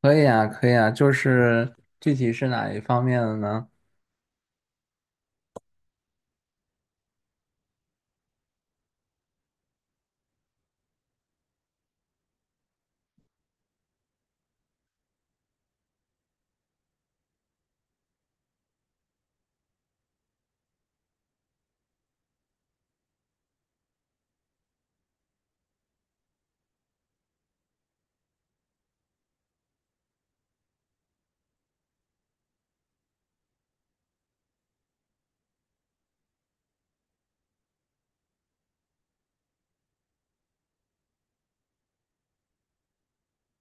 可以啊，可以啊，就是具体是哪一方面的呢？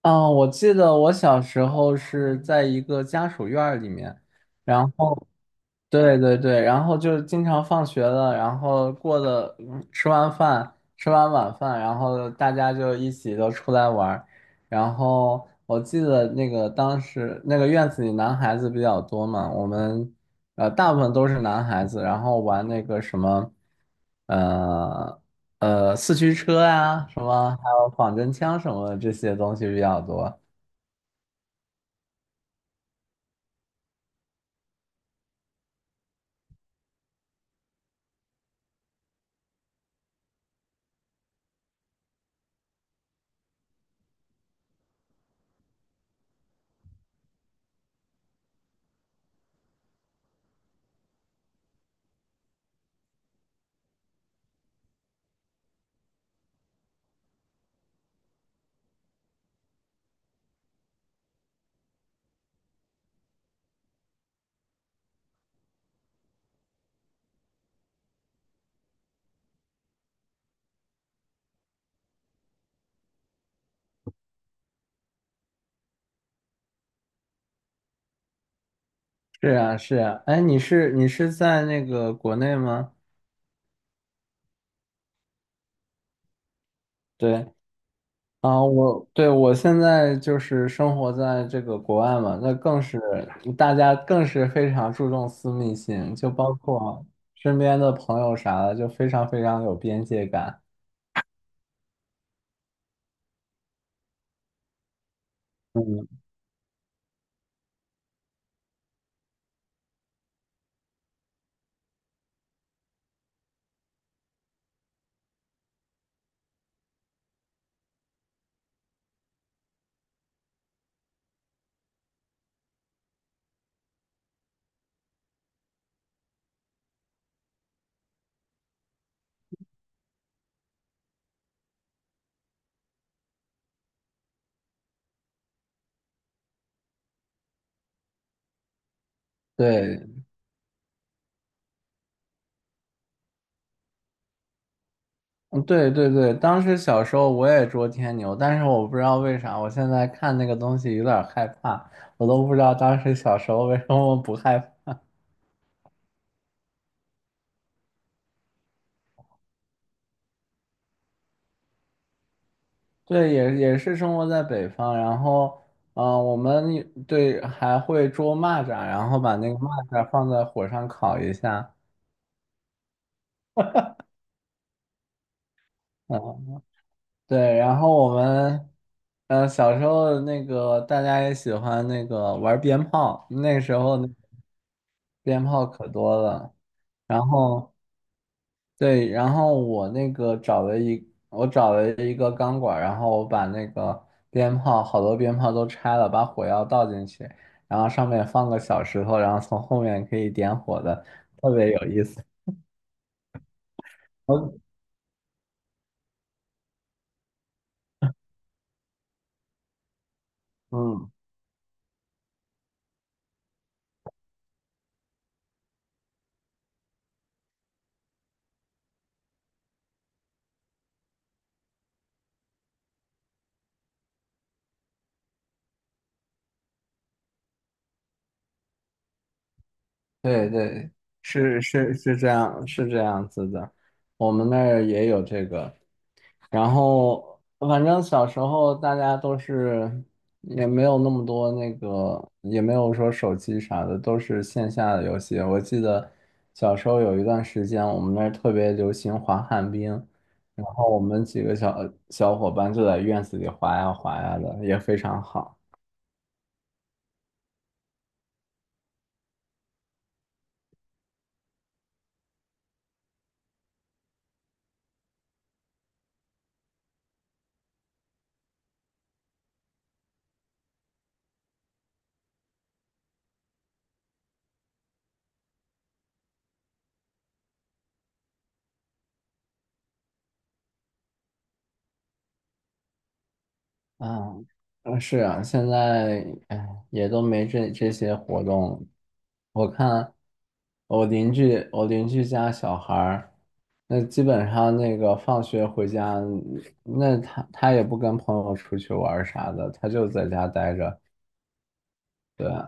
嗯，我记得我小时候是在一个家属院儿里面，然后对对对，然后就是经常放学了，然后过的，吃完饭，吃完晚饭，然后大家就一起都出来玩儿。然后我记得那个当时那个院子里男孩子比较多嘛，我们大部分都是男孩子，然后玩那个什么，呃四驱车呀，什么还有仿真枪什么的这些东西比较多。是啊是啊，哎，你是在那个国内吗？对。啊，我对我现在就是生活在这个国外嘛，那更是大家更是非常注重私密性，就包括身边的朋友啥的，就非常非常有边界感。嗯，对，嗯对对对，当时小时候我也捉天牛，但是我不知道为啥，我现在看那个东西有点害怕，我都不知道当时小时候为什么不害怕。对，也也是生活在北方，然后，嗯、我们也对还会捉蚂蚱，然后把那个蚂蚱放在火上烤一下，嗯，对，然后我们，小时候那个大家也喜欢那个玩鞭炮，那时候那鞭炮可多了，然后对，然后我那个找了一，我找了一个钢管，然后我把那个鞭炮，好多鞭炮都拆了，把火药倒进去，然后上面放个小石头，然后从后面可以点火的，特别有意思。我嗯，嗯对对，是是是这样，是这样子的，我们那儿也有这个。然后反正小时候大家都是也没有那么多那个，也没有说手机啥的，都是线下的游戏。我记得小时候有一段时间，我们那儿特别流行滑旱冰，然后我们几个小伙伴就在院子里滑呀滑呀的，也非常好。啊，嗯是啊，现在哎也都没这些活动了我看我邻居家小孩儿，那基本上那个放学回家，那他也不跟朋友出去玩儿啥的，他就在家待着。对，啊，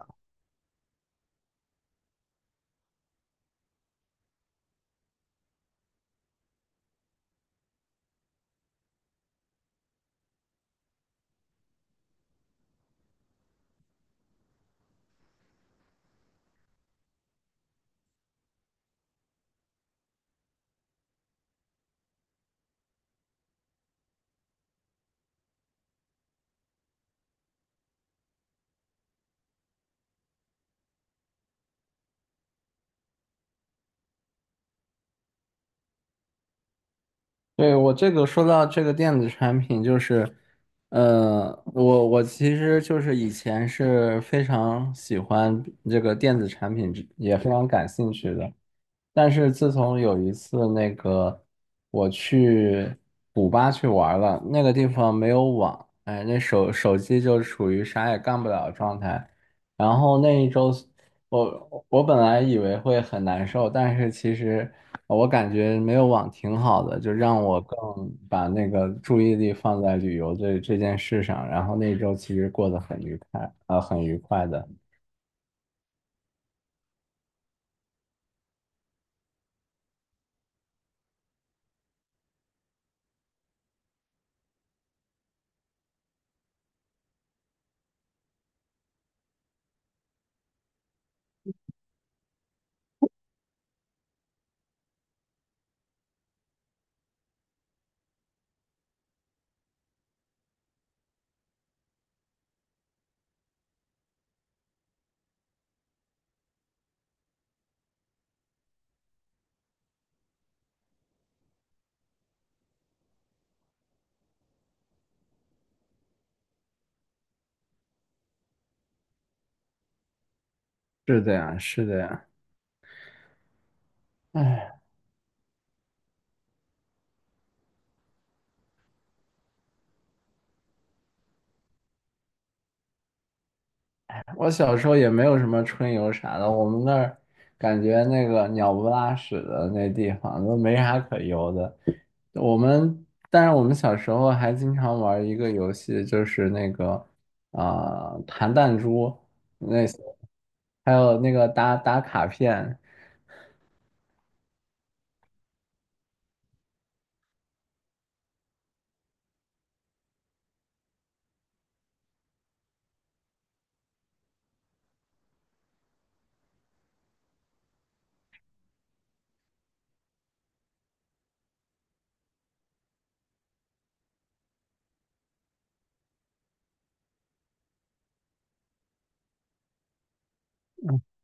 对，我这个说到这个电子产品，就是，呃，我其实就是以前是非常喜欢这个电子产品之也非常感兴趣的。但是自从有一次那个我去古巴去玩了，那个地方没有网，哎，那手机就处于啥也干不了的状态。然后那一周，我本来以为会很难受，但是其实我感觉没有网挺好的，就让我更把那个注意力放在旅游这件事上。然后那一周其实过得很愉快，啊、很愉快的。是的呀，是的呀，唉我小时候也没有什么春游啥的，我们那儿感觉那个鸟不拉屎的那地方都没啥可游的。我们，但是我们小时候还经常玩一个游戏，就是那个弹弹珠那些，还有那个打打卡片，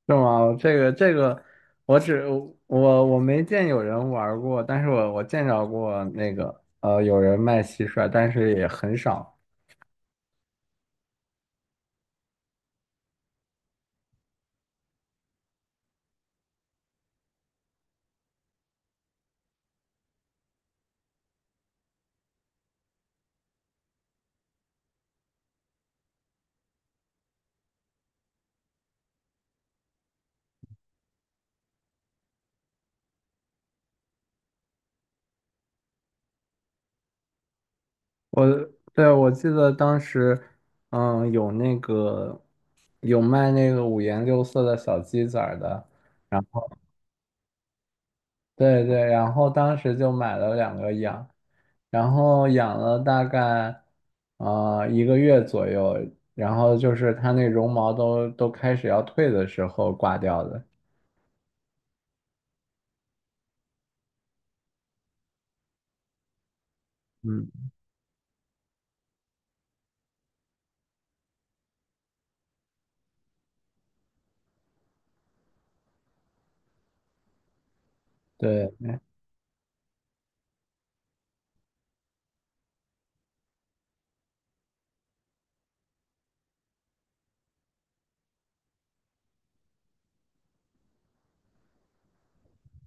是吗？这个这个，我只我没见有人玩过，但是我见着过那个有人卖蟋蟀，但是也很少。对，我记得当时，嗯，有那个有卖那个五颜六色的小鸡仔儿的，然后对对，然后当时就买了两个养，然后养了大概一个月左右，然后就是它那绒毛都开始要退的时候挂掉的。嗯，对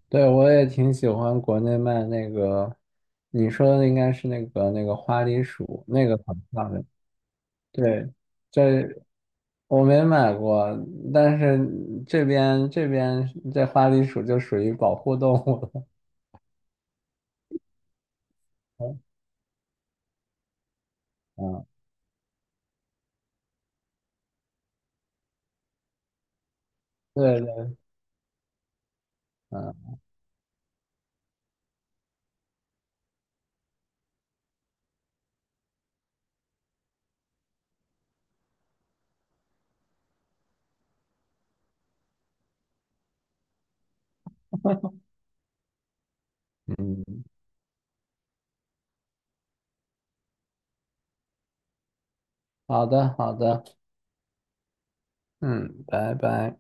对，我也挺喜欢国内卖那个，你说的应该是那个那个花栗鼠，那个很漂亮。对，这我没买过，但是这边这花栗鼠就属于保护动物了 嗯，对对，嗯嗯，好的好的，嗯，拜拜。